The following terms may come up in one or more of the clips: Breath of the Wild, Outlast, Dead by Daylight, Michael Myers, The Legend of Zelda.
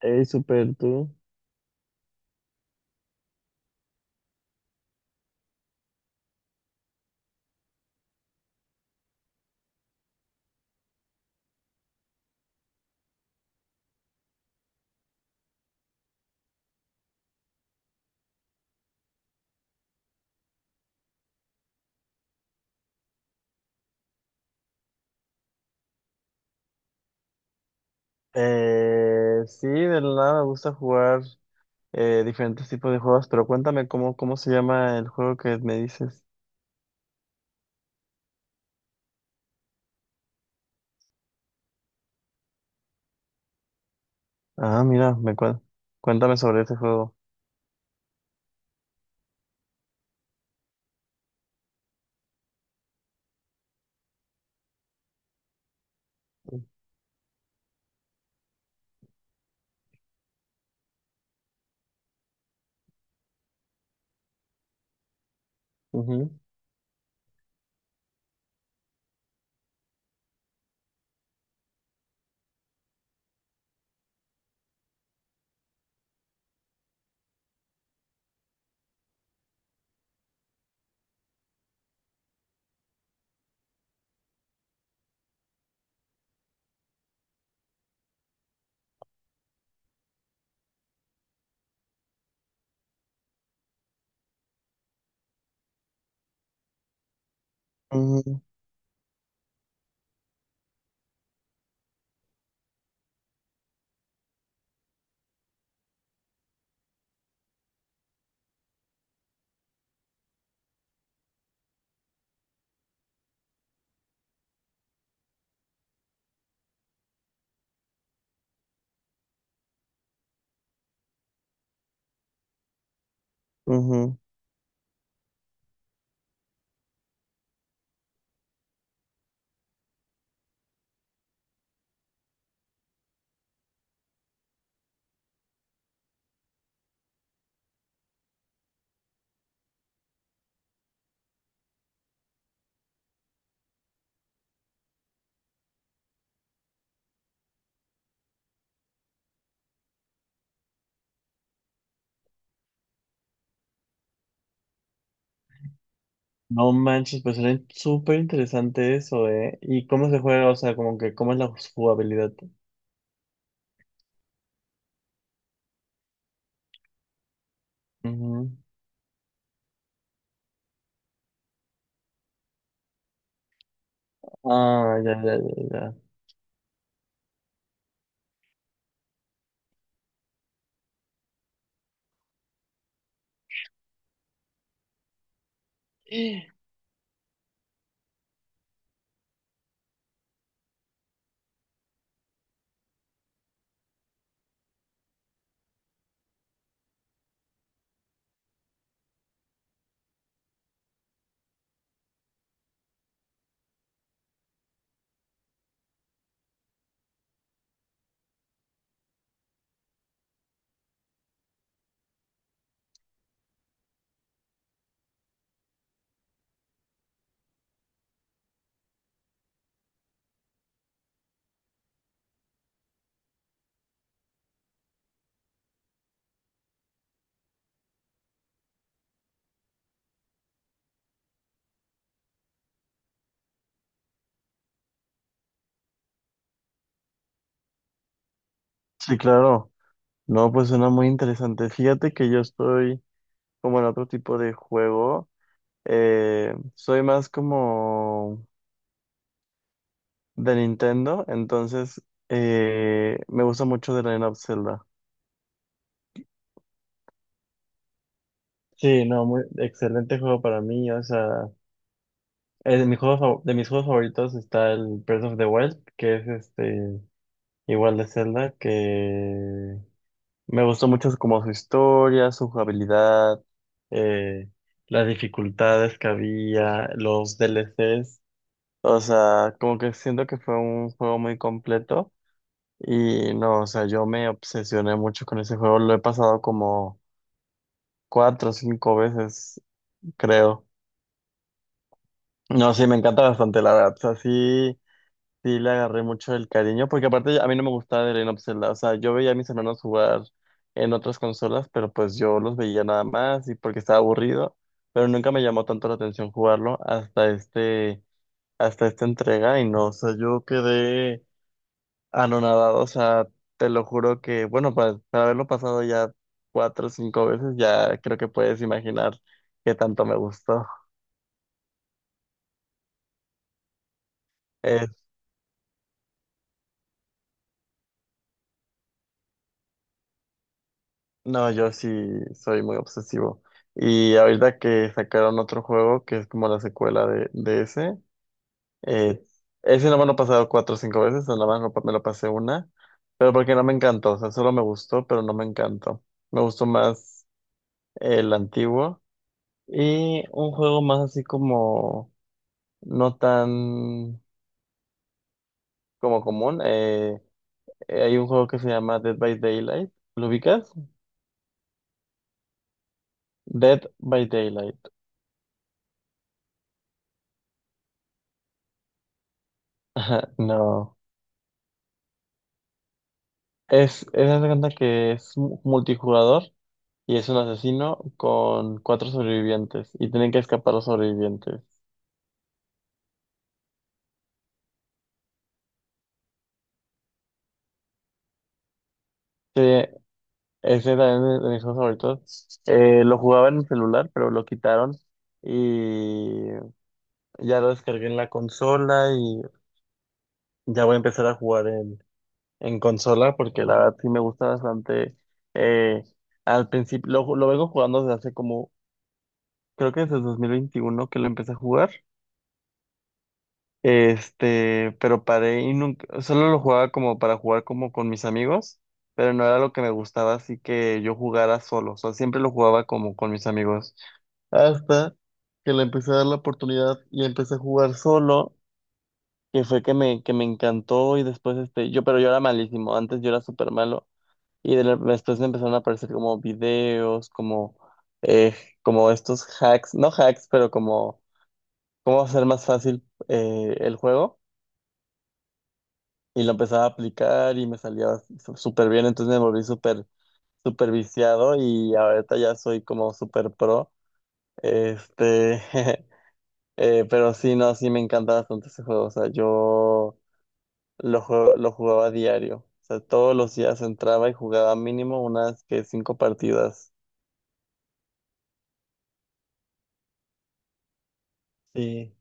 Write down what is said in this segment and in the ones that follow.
Ey, super tú. Sí, de la nada me gusta jugar diferentes tipos de juegos, pero cuéntame cómo se llama el juego que me dices. Ah, mira, cuéntame sobre ese juego. Ujú, ujú, ujú. No manches, pues suena súper interesante eso, ¿eh? ¿Y cómo se juega? O sea, como que, ¿cómo es la jugabilidad? Ujú. Ah, ya, ya, ya, ya. Sí, claro. No, pues suena muy interesante. Fíjate que yo estoy como en otro tipo de juego. Soy más como de Nintendo, entonces me gusta mucho The Legend of Zelda. Sí, no, muy excelente juego para mí. O sea, es de, mis juegos fa- de mis juegos favoritos está el Breath of the Wild, que es este igual de Zelda, que Me gustó mucho como su historia, su jugabilidad. eh, las dificultades que había, los D L DLCs. O sea, como que siento que fue un juego muy completo. Y no, o sea, yo me obsesioné mucho con ese juego. Lo he pasado como cuatro o cinco veces, creo. No, sí, me encanta bastante, la verdad. O sea, sí, sí le agarré mucho el cariño, porque aparte a mí no me gustaba el Legend of Zelda. O sea, yo veía a mis hermanos jugar en otras consolas, pero pues yo los veía nada más y porque estaba aburrido. Pero nunca me llamó tanto la atención jugarlo hasta esta entrega. Y no, o sea, yo quedé anonadado, o sea, te lo juro que, bueno, para haberlo pasado ya cuatro o cinco veces, ya creo que puedes imaginar qué tanto me gustó. Eh, no, yo sí soy muy obsesivo. Y ahorita que sacaron otro juego, que es como la secuela de ese, eh, ese no me lo he pasado cuatro o cinco veces, o nada más me lo pasé una, pero porque no me encantó, o sea, solo me gustó, pero no me encantó. Me gustó más el antiguo. Y un juego más así como no tan como común. Hay un juego que se llama Dead by Daylight. ¿Lo ubicas? Dead by Daylight. No. Haz de cuenta que es multijugador y es un asesino con cuatro sobrevivientes y tienen que escapar los sobrevivientes. Sí, ese también es de mis juegos favoritos. Lo jugaba en el celular, pero lo quitaron y ya lo descargué en la consola y ya voy a empezar a jugar en consola, porque la verdad sí me gusta bastante. eh, Al principio, lo vengo jugando desde hace como, creo que desde el 2021 que lo empecé a jugar. Este, pero paré y nunca, solo lo jugaba como para jugar como con mis amigos, pero no era lo que me gustaba, así que yo jugara solo, o sea, siempre lo jugaba como con mis amigos. Hasta que le empecé a dar la oportunidad y empecé a jugar solo, que fue que me encantó y después este, pero yo era malísimo, antes yo era súper malo. Y después me empezaron a aparecer como videos, como, eh, como estos hacks, no hacks, pero como cómo hacer más fácil el juego. Y lo empezaba a aplicar y me salía súper bien, entonces me volví súper, súper viciado y ahorita ya soy como súper pro. Este, pero sí, no, sí me encanta bastante ese juego. O sea, yo lo jugaba a diario. O sea, todos los días entraba y jugaba mínimo unas que cinco partidas. Sí.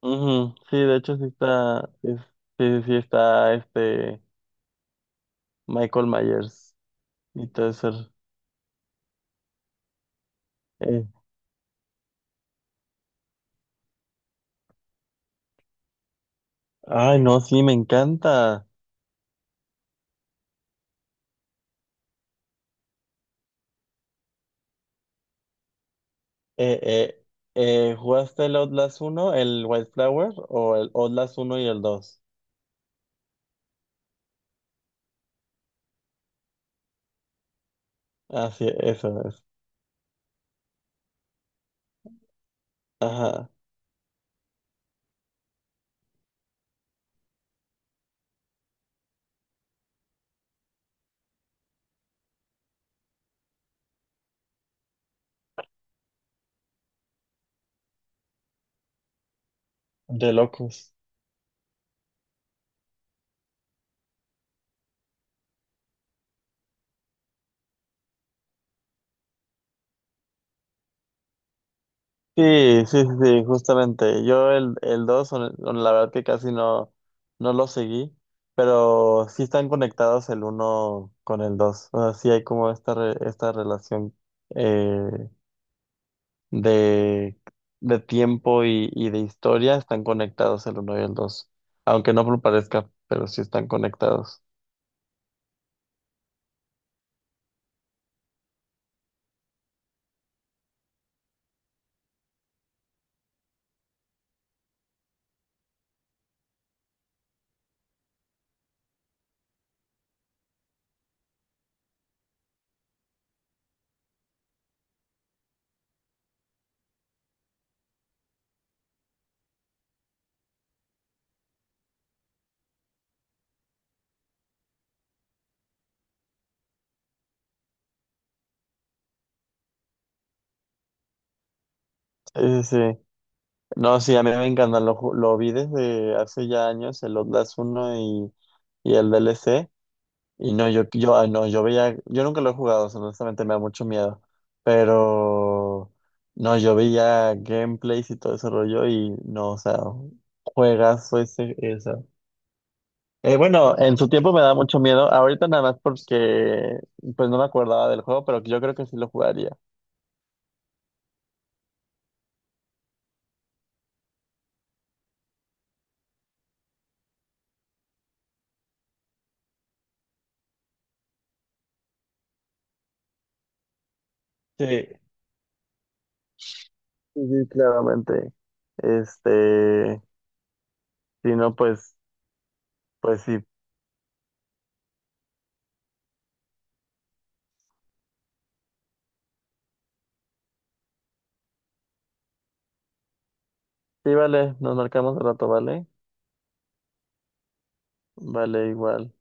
Ujú, sí, de hecho sí, sí está este Michael Myers y todo eso. Eh, Ay, no, sí, me encanta. Eh, eh, ¿Jugaste el Outlast uno el Wildflower o el Outlast uno y el dos? Ah, sí, eso es. Ajá, de locos. Sí, sí, sí, sí, justamente. Yo el 2, la verdad que casi no lo seguí, pero sí están conectados el uno con el 2. O sea, sí hay como esta relación eh, de, de tiempo y de historia, están conectados el uno y el 2, aunque no lo parezca, pero sí están conectados. Sí, sí, sí. No, sí, a mí me encanta, lo vi desde hace ya años, el Outlast uno y el DLC. Y no, ah, no, yo nunca lo he jugado, o sea, honestamente me da mucho miedo, pero no, yo veía gameplays y todo ese rollo y no, o sea, juegazo ese, esa. Bueno, en su tiempo me da mucho miedo, ahorita nada más porque pues no me acordaba del juego, pero yo creo que sí lo jugaría. Sí, sí, sí, claramente. Este, si no, pues, sí, sí, vale, nos marcamos al rato, ¿vale? Vale, igual.